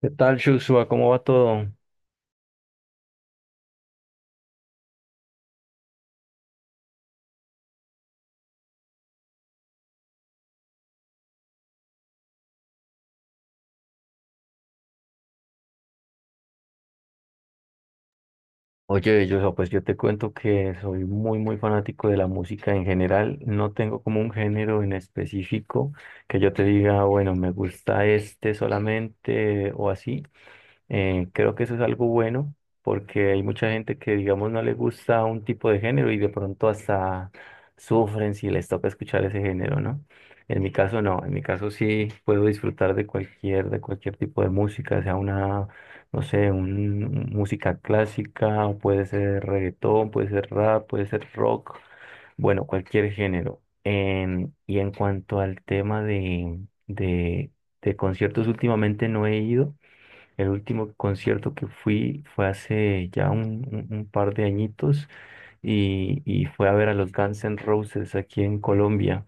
¿Qué tal, Joshua? ¿Cómo va todo? Oye, Joshua, pues yo te cuento que soy muy, muy fanático de la música en general. No tengo como un género en específico que yo te diga, "Ah, bueno, me gusta este solamente o así." Creo que eso es algo bueno porque hay mucha gente que, digamos, no le gusta un tipo de género y de pronto hasta sufren si les toca escuchar ese género, ¿no? En mi caso no, en mi caso sí puedo disfrutar de cualquier tipo de música, sea una, no sé, música clásica, o puede ser reggaetón, puede ser rap, puede ser rock, bueno, cualquier género. Y en cuanto al tema de, de conciertos, últimamente no he ido. El último concierto que fui fue hace ya un par de añitos y fue a ver a los Guns N' Roses aquí en Colombia.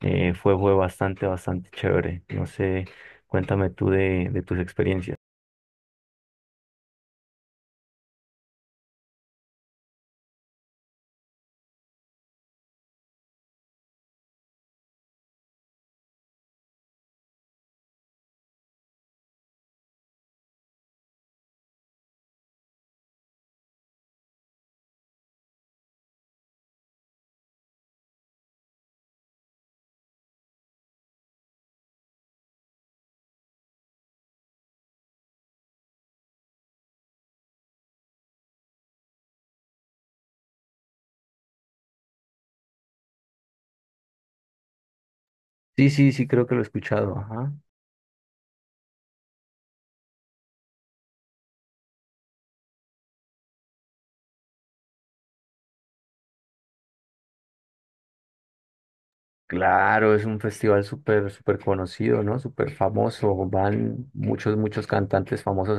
Fue bastante, bastante chévere. No sé, cuéntame tú de tus experiencias. Sí, sí, sí, creo que lo he escuchado. Ajá. Claro, es un festival súper, súper conocido, ¿no? Súper famoso. Van muchos, muchos cantantes famosos.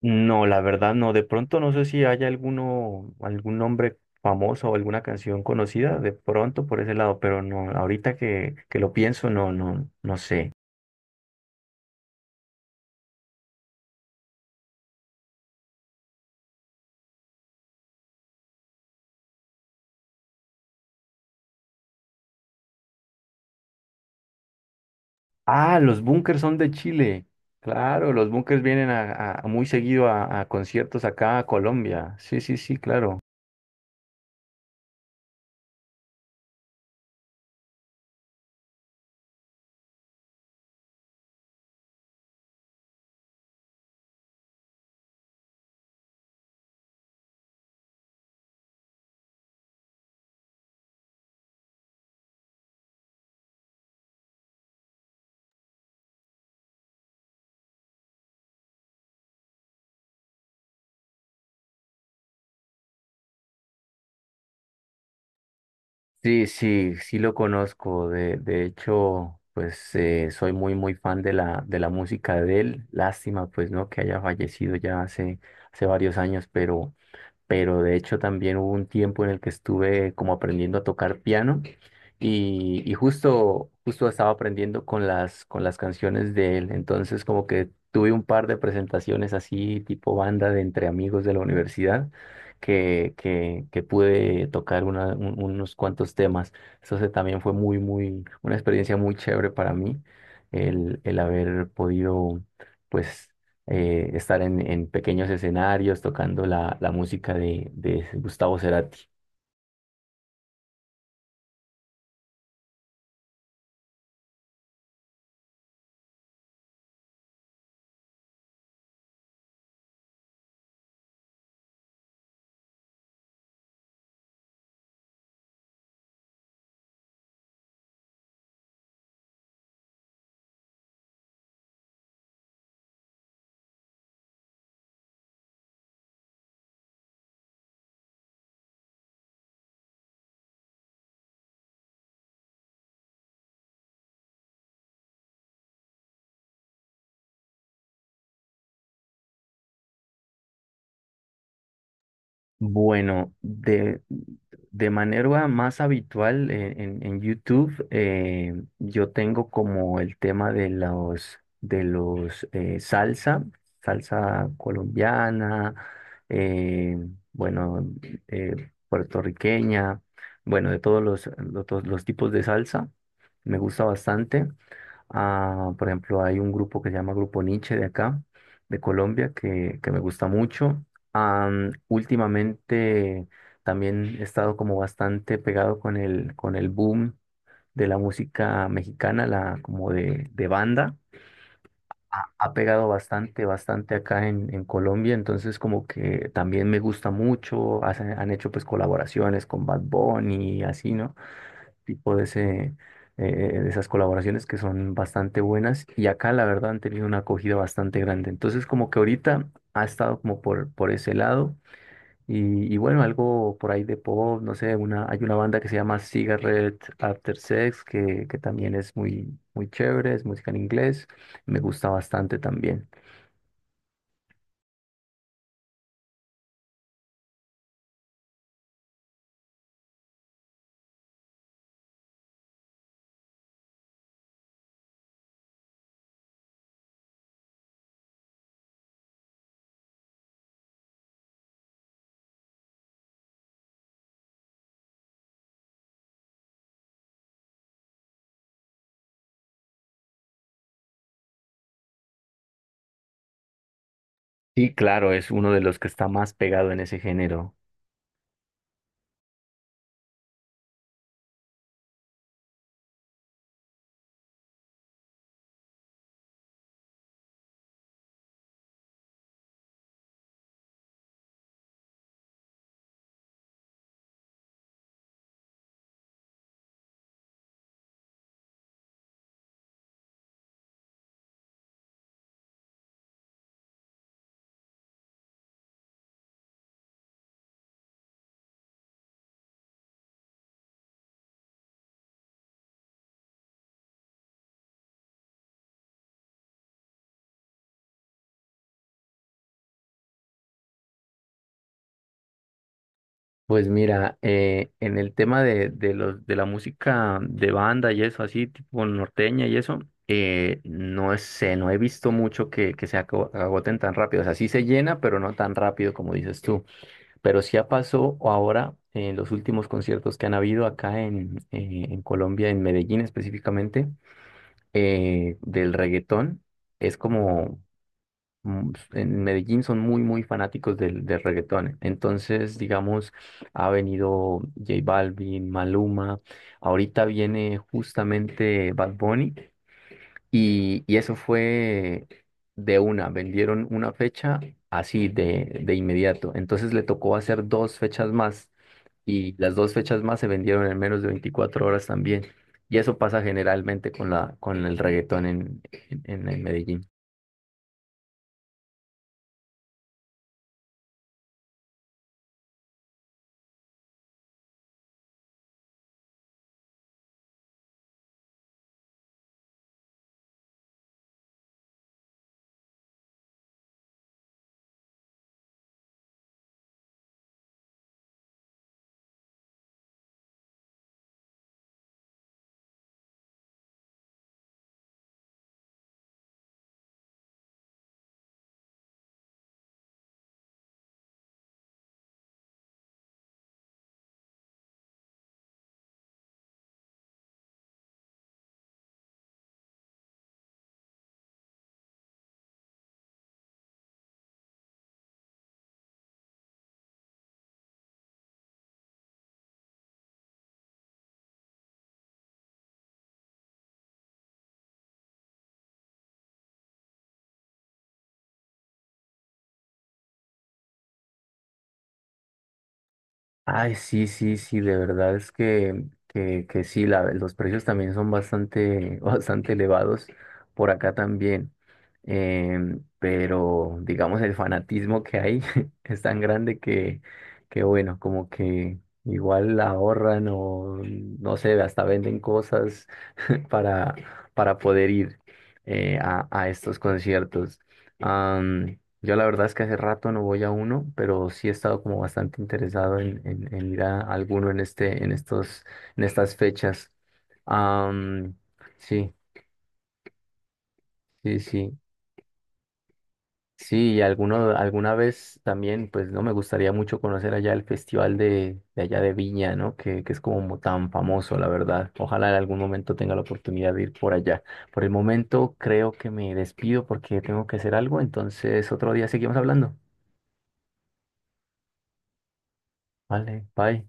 No, la verdad no. De pronto no sé si hay alguno, algún nombre famoso o alguna canción conocida, de pronto por ese lado, pero no, ahorita que lo pienso, no, no, no sé. Ah, los Bunkers son de Chile. Claro, los Bunkers vienen muy seguido a conciertos acá a Colombia. Sí, sí, sí, claro. Sí, sí, sí lo conozco. De hecho, pues soy muy, muy fan de la música de él. Lástima, pues, ¿no? Que haya fallecido ya hace, hace varios años, pero de hecho también hubo un tiempo en el que estuve como aprendiendo a tocar piano y justo, justo estaba aprendiendo con con las canciones de él, entonces como que tuve un par de presentaciones así tipo banda de entre amigos de la universidad que pude tocar unos cuantos temas, entonces también fue muy, muy, una experiencia muy chévere para mí el haber podido... pues estar en pequeños escenarios tocando la música de Gustavo Cerati. Bueno, de manera más habitual en, en YouTube, yo tengo como el tema de los salsa, salsa colombiana, eh, bueno, puertorriqueña, bueno, de de todos los tipos de salsa, me gusta bastante. Ah, por ejemplo, hay un grupo que se llama Grupo Nietzsche de acá, de Colombia, que me gusta mucho. Últimamente también he estado como bastante pegado con con el boom de la música mexicana, la, como de banda. Ha pegado bastante, bastante acá en Colombia, entonces como que también me gusta mucho. Han hecho pues colaboraciones con Bad Bunny y así, ¿no? tipo de, ese, eh, de esas colaboraciones que son bastante buenas y acá la verdad han tenido una acogida bastante grande. Entonces como que ahorita ha estado como por ese lado y bueno, algo por ahí de pop, no sé, una, hay una banda que se llama Cigarette After Sex que también es muy, muy chévere, es música en inglés, me gusta bastante también. Y claro, es uno de los que está más pegado en ese género. Pues mira, en el tema de la música de banda y eso, así tipo norteña y eso, no sé, no he visto mucho que se agoten tan rápido. O sea, sí se llena, pero no tan rápido como dices tú. Pero sí ha pasado ahora en los últimos conciertos que han habido acá en Colombia, en Medellín específicamente, del reggaetón. Es como en Medellín son muy, muy fanáticos del, del reggaetón. Entonces, digamos, ha venido J Balvin, Maluma, ahorita viene justamente Bad Bunny y eso fue de una, vendieron una fecha así de inmediato. Entonces le tocó hacer dos fechas más y las dos fechas más se vendieron en menos de 24 horas también. Y eso pasa generalmente con la, con el reggaetón en en Medellín. Ay, sí, sí, sí, de verdad es que sí, la- los precios también son bastante, bastante elevados por acá también. Pero digamos el fanatismo que hay es tan grande que bueno, como que igual la ahorran o no sé, hasta venden cosas para, para poder ir a estos conciertos. Yo la verdad es que hace rato no voy a uno, pero sí he estado como bastante interesado en, en ir a alguno en este, en estos, en estas fechas. Am, sí, sí, sí. Sí, y alguno, alguna vez también, pues no me gustaría mucho conocer allá el festival de allá de Viña, ¿no? Que es como tan famoso, la verdad. Ojalá en algún momento tenga la oportunidad de ir por allá. Por el momento creo que me despido porque tengo que hacer algo, entonces otro día seguimos hablando. Vale, bye.